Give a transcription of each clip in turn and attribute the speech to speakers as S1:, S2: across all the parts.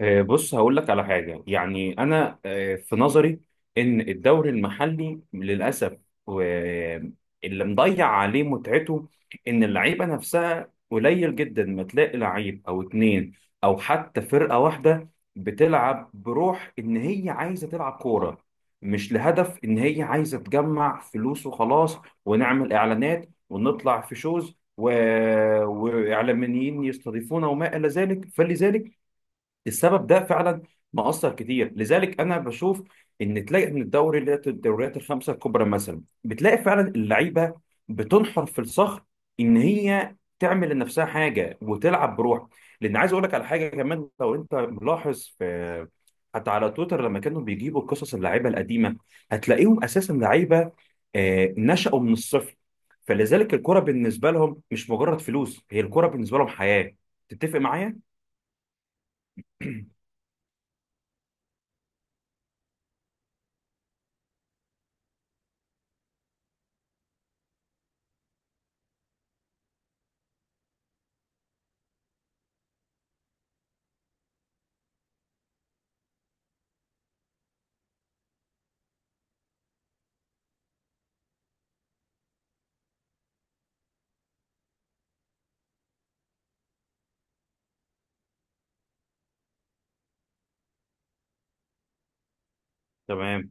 S1: بص، هقول لك على حاجة. يعني أنا في نظري إن الدوري المحلي للأسف آه، اللي مضيع عليه متعته إن اللعيبة نفسها قليل جدا. ما تلاقي لعيب أو اتنين أو حتى فرقة واحدة بتلعب بروح إن هي عايزة تلعب كورة، مش لهدف إن هي عايزة تجمع فلوس وخلاص، ونعمل إعلانات ونطلع في شوز و... وإعلاميين يستضيفونا وما إلى ذلك. فلذلك السبب ده فعلا مأثر كتير، لذلك انا بشوف ان تلاقي من الدوري، اللي هي الدوريات الخمسه الكبرى مثلا، بتلاقي فعلا اللعيبه بتنحر في الصخر ان هي تعمل لنفسها حاجه وتلعب بروح. لان عايز اقول لك على حاجه كمان، لو انت ملاحظ، في حتى على تويتر لما كانوا بيجيبوا قصص اللعيبه القديمه، هتلاقيهم اساسا لعيبه نشأوا من الصفر. فلذلك الكره بالنسبه لهم مش مجرد فلوس، هي الكره بالنسبه لهم حياه. تتفق معايا؟ تمام.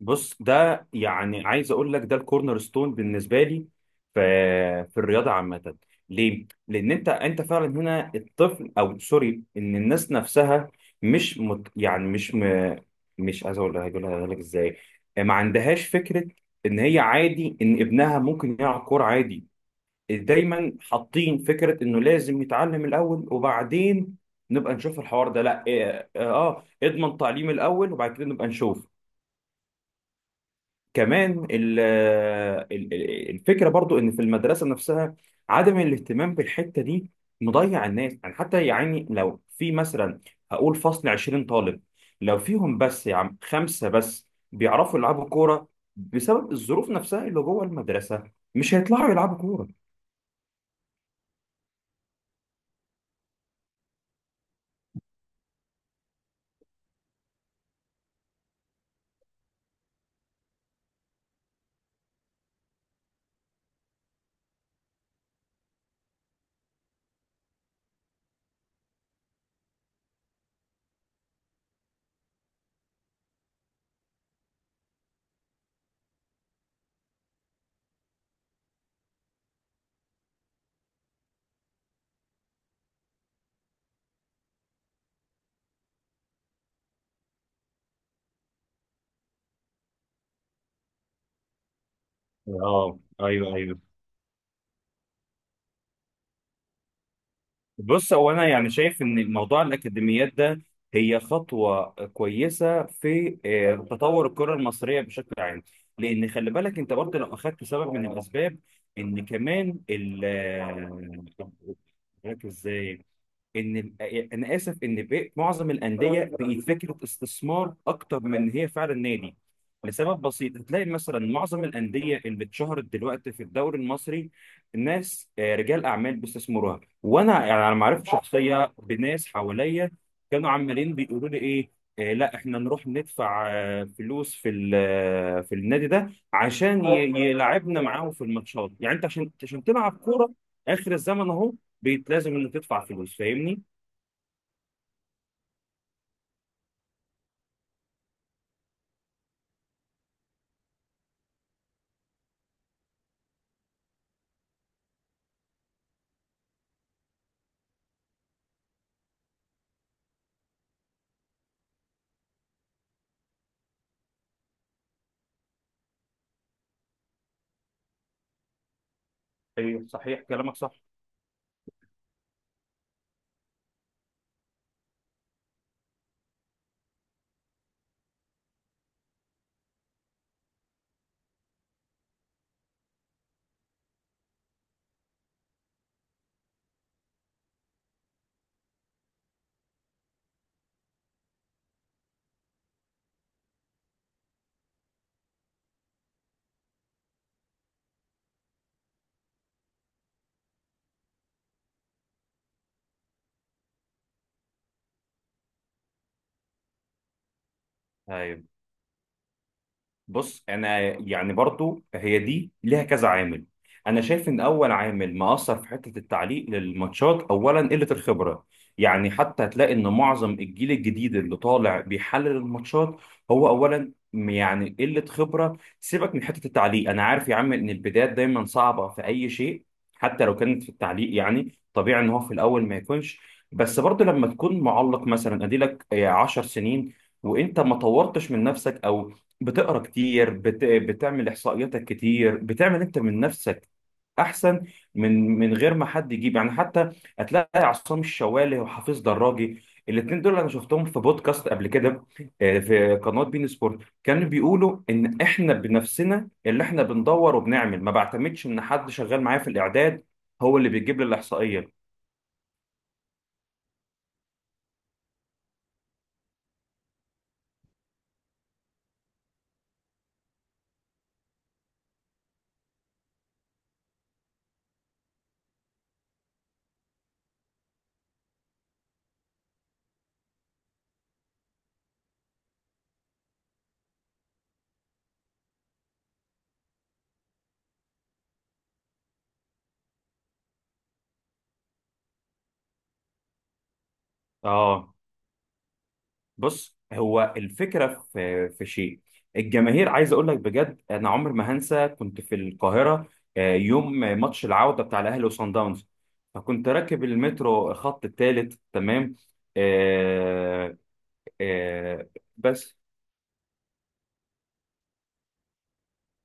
S1: بص، ده يعني عايز اقول لك ده الكورنر ستون بالنسبه لي في في الرياضه عامه. ليه؟ لان انت فعلا هنا الطفل، او سوري، ان الناس نفسها مش مت يعني مش م... مش عايز اقول، هقولها لك ازاي، ما عندهاش فكره ان هي عادي ان ابنها ممكن يلعب كوره عادي. دايما حاطين فكره انه لازم يتعلم الاول وبعدين نبقى نشوف الحوار ده. لا، اضمن تعليم الاول وبعد كده نبقى نشوف. كمان الفكره برضو ان في المدرسه نفسها عدم الاهتمام بالحته دي مضيع الناس، يعني حتى يعني لو في مثلا، هقول فصل 20 طالب، لو فيهم بس يا عم خمسه بس بيعرفوا يلعبوا كوره، بسبب الظروف نفسها اللي جوه المدرسه، مش هيطلعوا يلعبوا كوره. اه ايوه ايوه، بص هو انا يعني شايف ان موضوع الاكاديميات ده هي خطوه كويسه في تطور الكره المصريه بشكل عام. لان خلي بالك انت برضه، لو اخدت سبب من الاسباب، ان كمان ال آه، مش فاكر ازاي انا اسف معظم الانديه بقت فكره استثمار اكتر من إن هي فعلا نادي. لسبب بسيط، هتلاقي مثلا معظم الانديه اللي اتشهرت دلوقتي في الدوري المصري ناس رجال اعمال بيستثمروها، وانا يعني على معرفه شخصيه بناس حواليا كانوا عمالين بيقولوا لي ايه لا، احنا نروح ندفع فلوس في ال- آه، في النادي ده عشان يلعبنا معاهم في الماتشات، يعني انت عشان تلعب كوره. اخر الزمن اهو. بيتلازم انك تدفع فلوس، فاهمني؟ ايوه صحيح كلامك صح. ايوه، بص انا يعني برضو هي دي ليها كذا عامل. انا شايف ان اول عامل مأثر في حتة التعليق للماتشات اولا قلة الخبرة. يعني حتى هتلاقي ان معظم الجيل الجديد اللي طالع بيحلل الماتشات هو اولا يعني قلة خبرة. سيبك من حتة التعليق، انا عارف يا عم ان البدايات دايما صعبة في اي شيء، حتى لو كانت في التعليق، يعني طبيعي ان هو في الاول ما يكونش. بس برضو لما تكون معلق مثلا، اديلك 10 سنين وانت ما طورتش من نفسك، او بتقرا كتير، بتعمل احصائياتك كتير، بتعمل انت من نفسك احسن، من غير ما حد يجيب. يعني حتى هتلاقي عصام الشوالي وحفيظ دراجي، الاثنين دول انا شفتهم في بودكاست قبل كده في قناه بين سبورت، كانوا بيقولوا ان احنا بنفسنا اللي احنا بندور وبنعمل، ما بعتمدش ان حد شغال معايا في الاعداد، هو اللي بيجيب لي الاحصائيه. اه، بص هو الفكره في شيء الجماهير. عايز اقول لك بجد، انا عمر ما هنسى كنت في القاهره يوم ماتش العوده بتاع الاهلي وصن داونز، فكنت راكب المترو، الخط الثالث، تمام. آه آه بس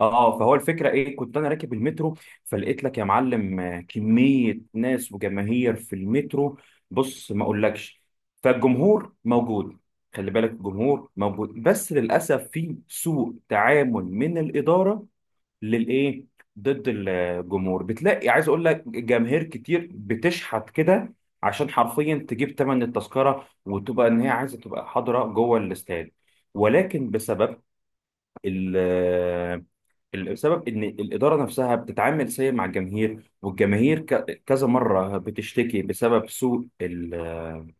S1: اه فهو الفكره ايه، كنت انا راكب المترو، فلقيت لك يا معلم كميه ناس وجماهير في المترو، بص ما اقولكش. فالجمهور موجود، خلي بالك، الجمهور موجود، بس للاسف في سوء تعامل من الاداره. للايه؟ ضد الجمهور. بتلاقي، عايز اقول لك، جماهير كتير بتشحت كده عشان حرفيا تجيب ثمن التذكره وتبقى ان هي عايزه تبقى حاضره جوه الاستاد، ولكن بسبب ال السبب ان الاداره نفسها بتتعامل سيء مع الجماهير، والجماهير كذا مره بتشتكي بسبب سوء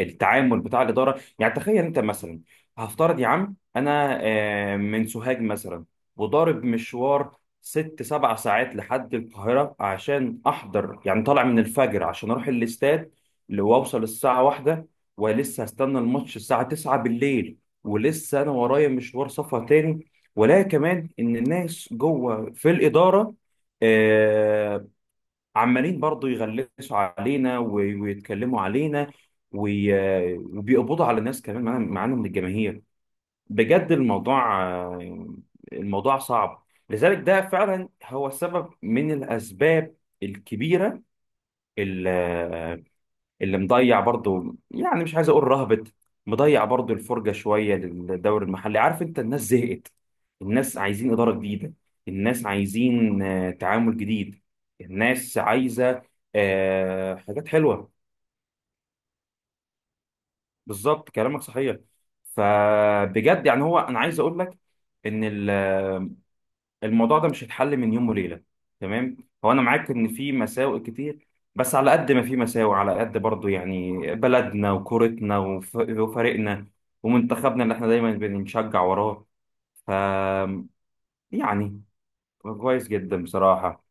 S1: التعامل بتاع الاداره. يعني تخيل انت مثلا، هفترض يا عم انا من سوهاج مثلا، وضارب مشوار ست سبع ساعات لحد القاهره عشان احضر، يعني طالع من الفجر عشان اروح الاستاد، اللي واوصل الساعه واحدة، ولسه هستنى الماتش الساعه 9 بالليل، ولسه انا ورايا مشوار سفر تاني. ولا كمان ان الناس جوه في الاداره آه، عمالين برضو يغلسوا علينا ويتكلموا علينا وي... وبيقبضوا على الناس كمان معانا من الجماهير. بجد الموضوع صعب. لذلك ده فعلا هو سبب من الأسباب الكبيرة اللي مضيع برضو، يعني مش عايز اقول رهبت، مضيع برضو الفرجه شويه للدوري المحلي. عارف انت، الناس زهقت، الناس عايزين اداره جديده، الناس عايزين تعامل جديد، الناس عايزه حاجات حلوه. بالظبط كلامك صحيح. فبجد يعني هو انا عايز اقول لك ان الموضوع ده مش هيتحل من يوم وليله، تمام. هو انا معاك ان في مساوئ كتير، بس على قد ما في مساوئ على قد برضو، يعني بلدنا وكورتنا وفريقنا ومنتخبنا اللي احنا دايما بنشجع وراه. ف يعني كويس جدا بصراحه،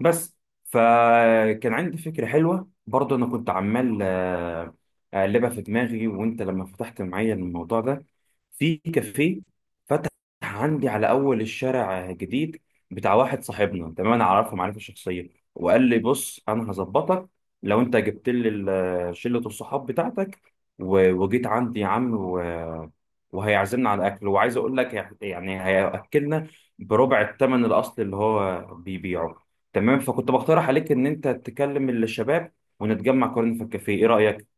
S1: بس. فكان عندي فكرة حلوة برضه، أنا كنت عمال أقلبها في دماغي، وأنت لما فتحت معايا الموضوع ده، في كافيه فتح عندي على أول الشارع جديد بتاع واحد صاحبنا، تمام. أنا أعرفه معرفة شخصية، وقال لي بص أنا هظبطك. لو أنت جبت لي شلة الصحاب بتاعتك وجيت عندي يا عم، وهيعزمنا على أكل، وعايز أقول لك يعني هيأكلنا بربع الثمن الأصلي اللي هو بيبيعه، تمام. فكنت بقترح عليك ان انت تكلم الشباب ونتجمع قريب في الكافيه. ايه رايك؟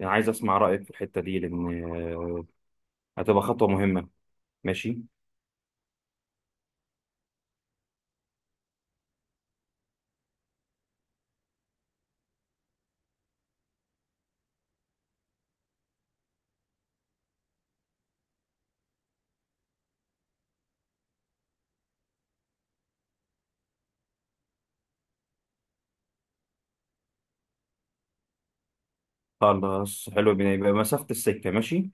S1: انا عايز اسمع رايك في الحته دي، لان آه، هتبقى خطوه مهمه. ماشي. خلاص حلو، بيبقى مسافه السكه. ماشي.